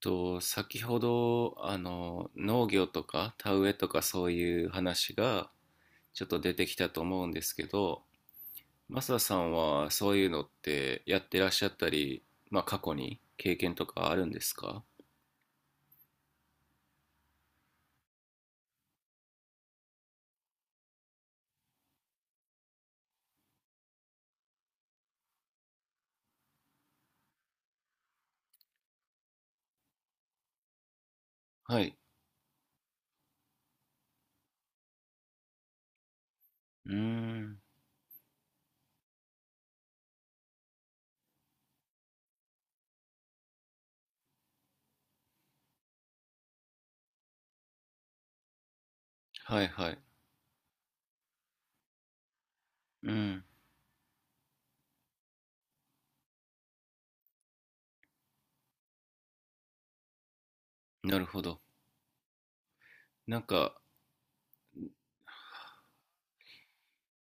と、先ほど、農業とか田植えとかそういう話がちょっと出てきたと思うんですけど、マサさんはそういうのってやってらっしゃったり、まあ過去に経験とかあるんですか？はい。うーん。はいはい。うん。なるほど。なんか、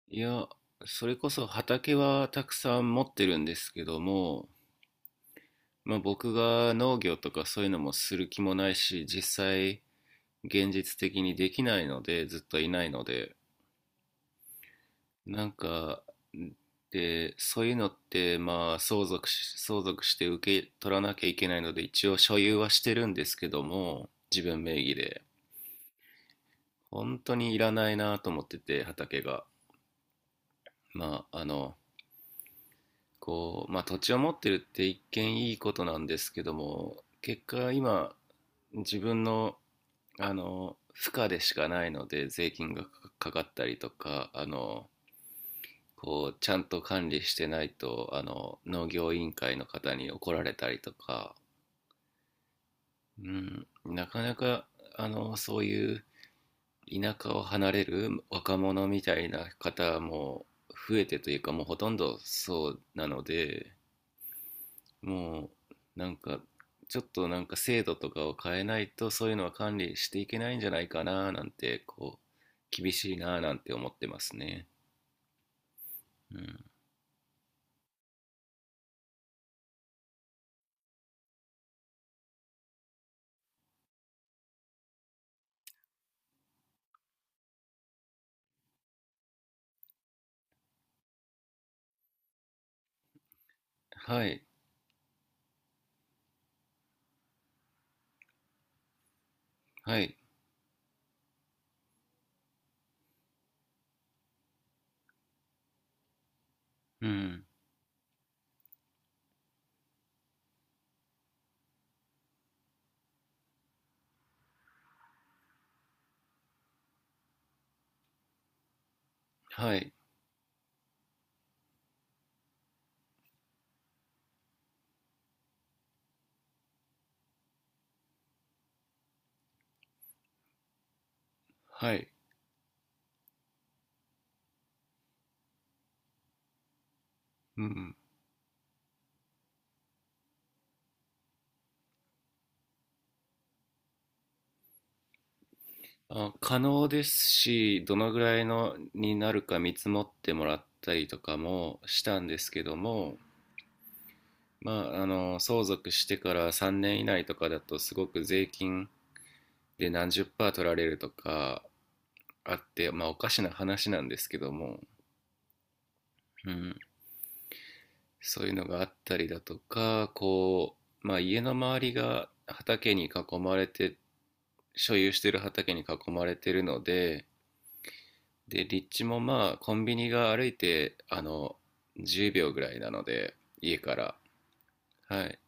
いや、それこそ畑はたくさん持ってるんですけども、まあ僕が農業とかそういうのもする気もないし、実際、現実的にできないので、ずっといないので、なんか、で、そういうのって、まあ、相続して受け取らなきゃいけないので、一応所有はしてるんですけども、自分名義で。本当にいらないなと思ってて、畑が。まあ、こう、まあ、土地を持ってるって一見いいことなんですけども、結果今、自分の、負荷でしかないので、税金がかかったりとか、こうちゃんと管理してないと農業委員会の方に怒られたりとか、うん、なかなかそういう田舎を離れる若者みたいな方も増えてというか、もうほとんどそうなので、もうなんか、ちょっとなんか制度とかを変えないとそういうのは管理していけないんじゃないかな、なんてこう、厳しいななんて思ってますね。うん、はいはい、うん、はいはい、うん。あ、可能ですし、どのぐらいのになるか見積もってもらったりとかもしたんですけども、まあ、相続してから3年以内とかだとすごく税金で何十パー取られるとかあって、まあ、おかしな話なんですけども、うん、そういうのがあったりだとか、こう、まあ、家の周りが畑に囲まれて、所有している畑に囲まれているので、で、立地もまあ、コンビニが歩いて、10秒ぐらいなので、家から。はい。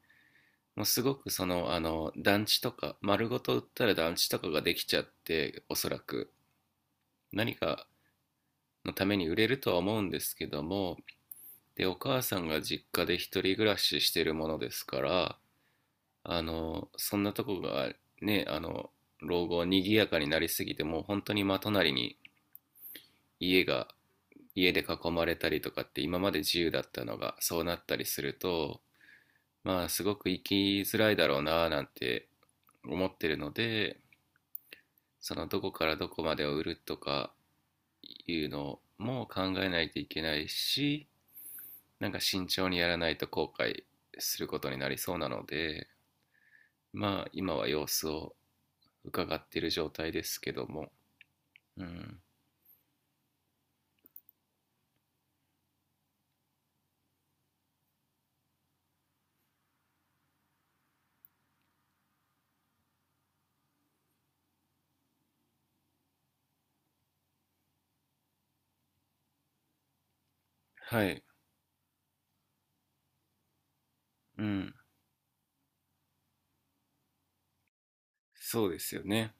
もうすごくその、団地とか、丸ごと売ったら団地とかができちゃって、おそらく、何かのために売れるとは思うんですけども、で、お母さんが実家で一人暮らししてるものですから、そんなとこがね、老後にぎやかになりすぎて、もう本当に真隣に家が家で囲まれたりとかって、今まで自由だったのがそうなったりすると、まあすごく生きづらいだろうななんて思ってるので、そのどこからどこまでを売るとかいうのも考えないといけないし、なんか慎重にやらないと後悔することになりそうなので、まあ今は様子を伺っている状態ですけども。うん、はい、うん、そうですよね。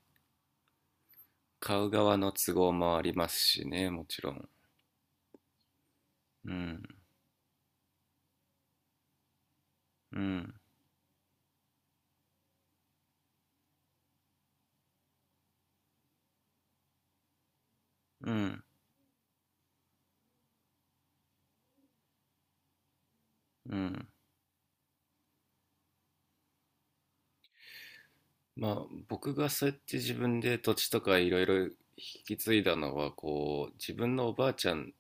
買う側の都合もありますしね、もちろん。うん、うん、うん、うん。まあ、僕がそうやって自分で土地とかいろいろ引き継いだのは、こう、自分のおばあちゃん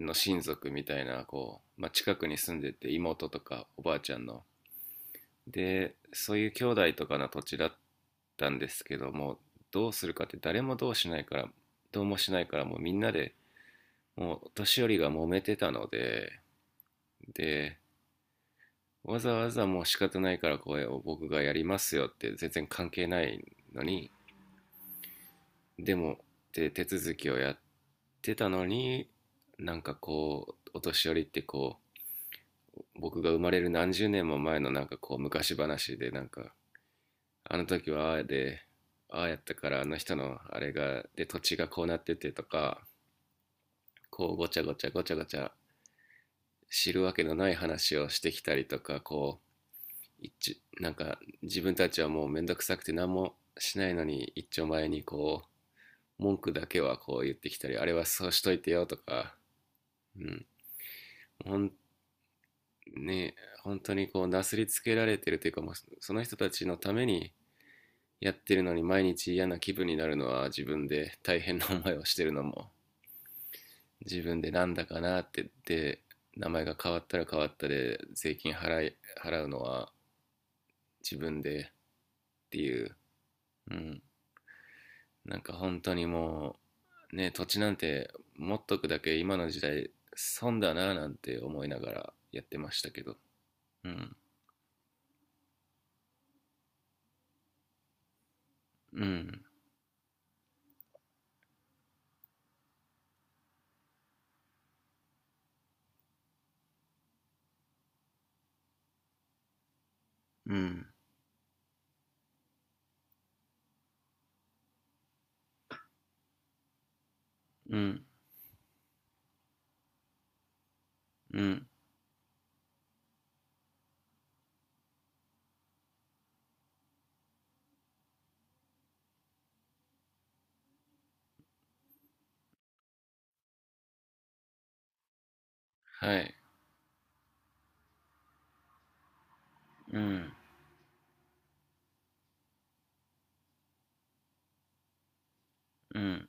の親族みたいな、こう、まあ、近くに住んでて、妹とかおばあちゃんの。で、そういう兄弟とかの土地だったんですけども、どうするかって、誰もどうしないから、どうもしないから、もうみんなで、もうお年寄りが揉めてたので、で、わざわざもう仕方ないからこれを僕がやりますよって、全然関係ないのに、でもで手続きをやってたのに、なんかこうお年寄りって、こう僕が生まれる何十年も前のなんかこう昔話で、なんかあの時はああで、ああやったからあの人のあれがで、土地がこうなっててとか、こうごちゃごちゃごちゃごちゃ知るわけのない話をしてきたりとか、こう、一なんか自分たちはもうめんどくさくて何もしないのに、一丁前にこう文句だけはこう言ってきたり、あれはそうしといてよとか、うん、ほんね本当にこうなすりつけられてるというか、もう、その人たちのためにやってるのに毎日嫌な気分になるのは自分で、大変な思いをしてるのも自分で、なんだかなって、で名前が変わったら変わったで、税金払うのは自分でっていう、うん、なんか本当にもう、ね、土地なんて持っとくだけ今の時代損だななんて思いながらやってましたけど。うん、うん、うん、うん、うん、はい、うん、うん、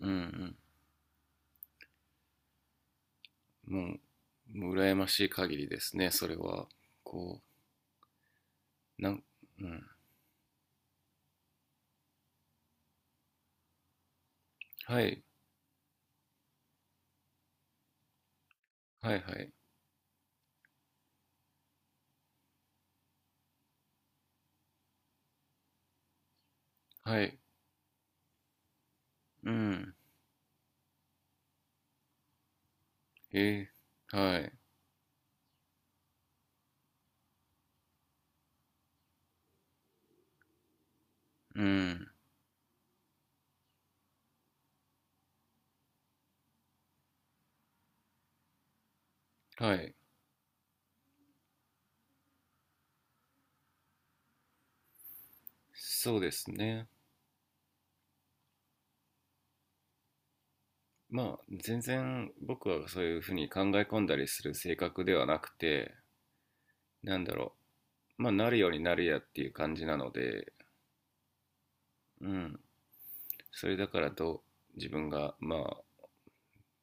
うん、うん。もう、もう羨ましい限りですね、それは。こう、うん。はい、はい、はい、はい、うん、えはい、うん、はい、そうですね。まあ全然僕はそういうふうに考え込んだりする性格ではなくて、なんだろう、まあなるようになるやっていう感じなので、うん、それだから、自分がまあ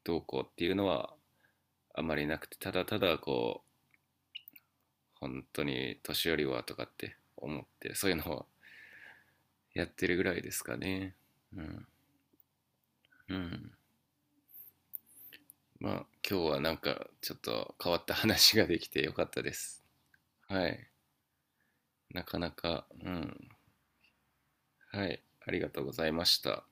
どうこうっていうのはあまりなくて、ただただこう本当に年寄りはとかって思って、そういうのをやってるぐらいですかね。うん、うん。まあ今日はなんかちょっと変わった話ができてよかったです。はい、なかなか。うん。はい、ありがとうございました。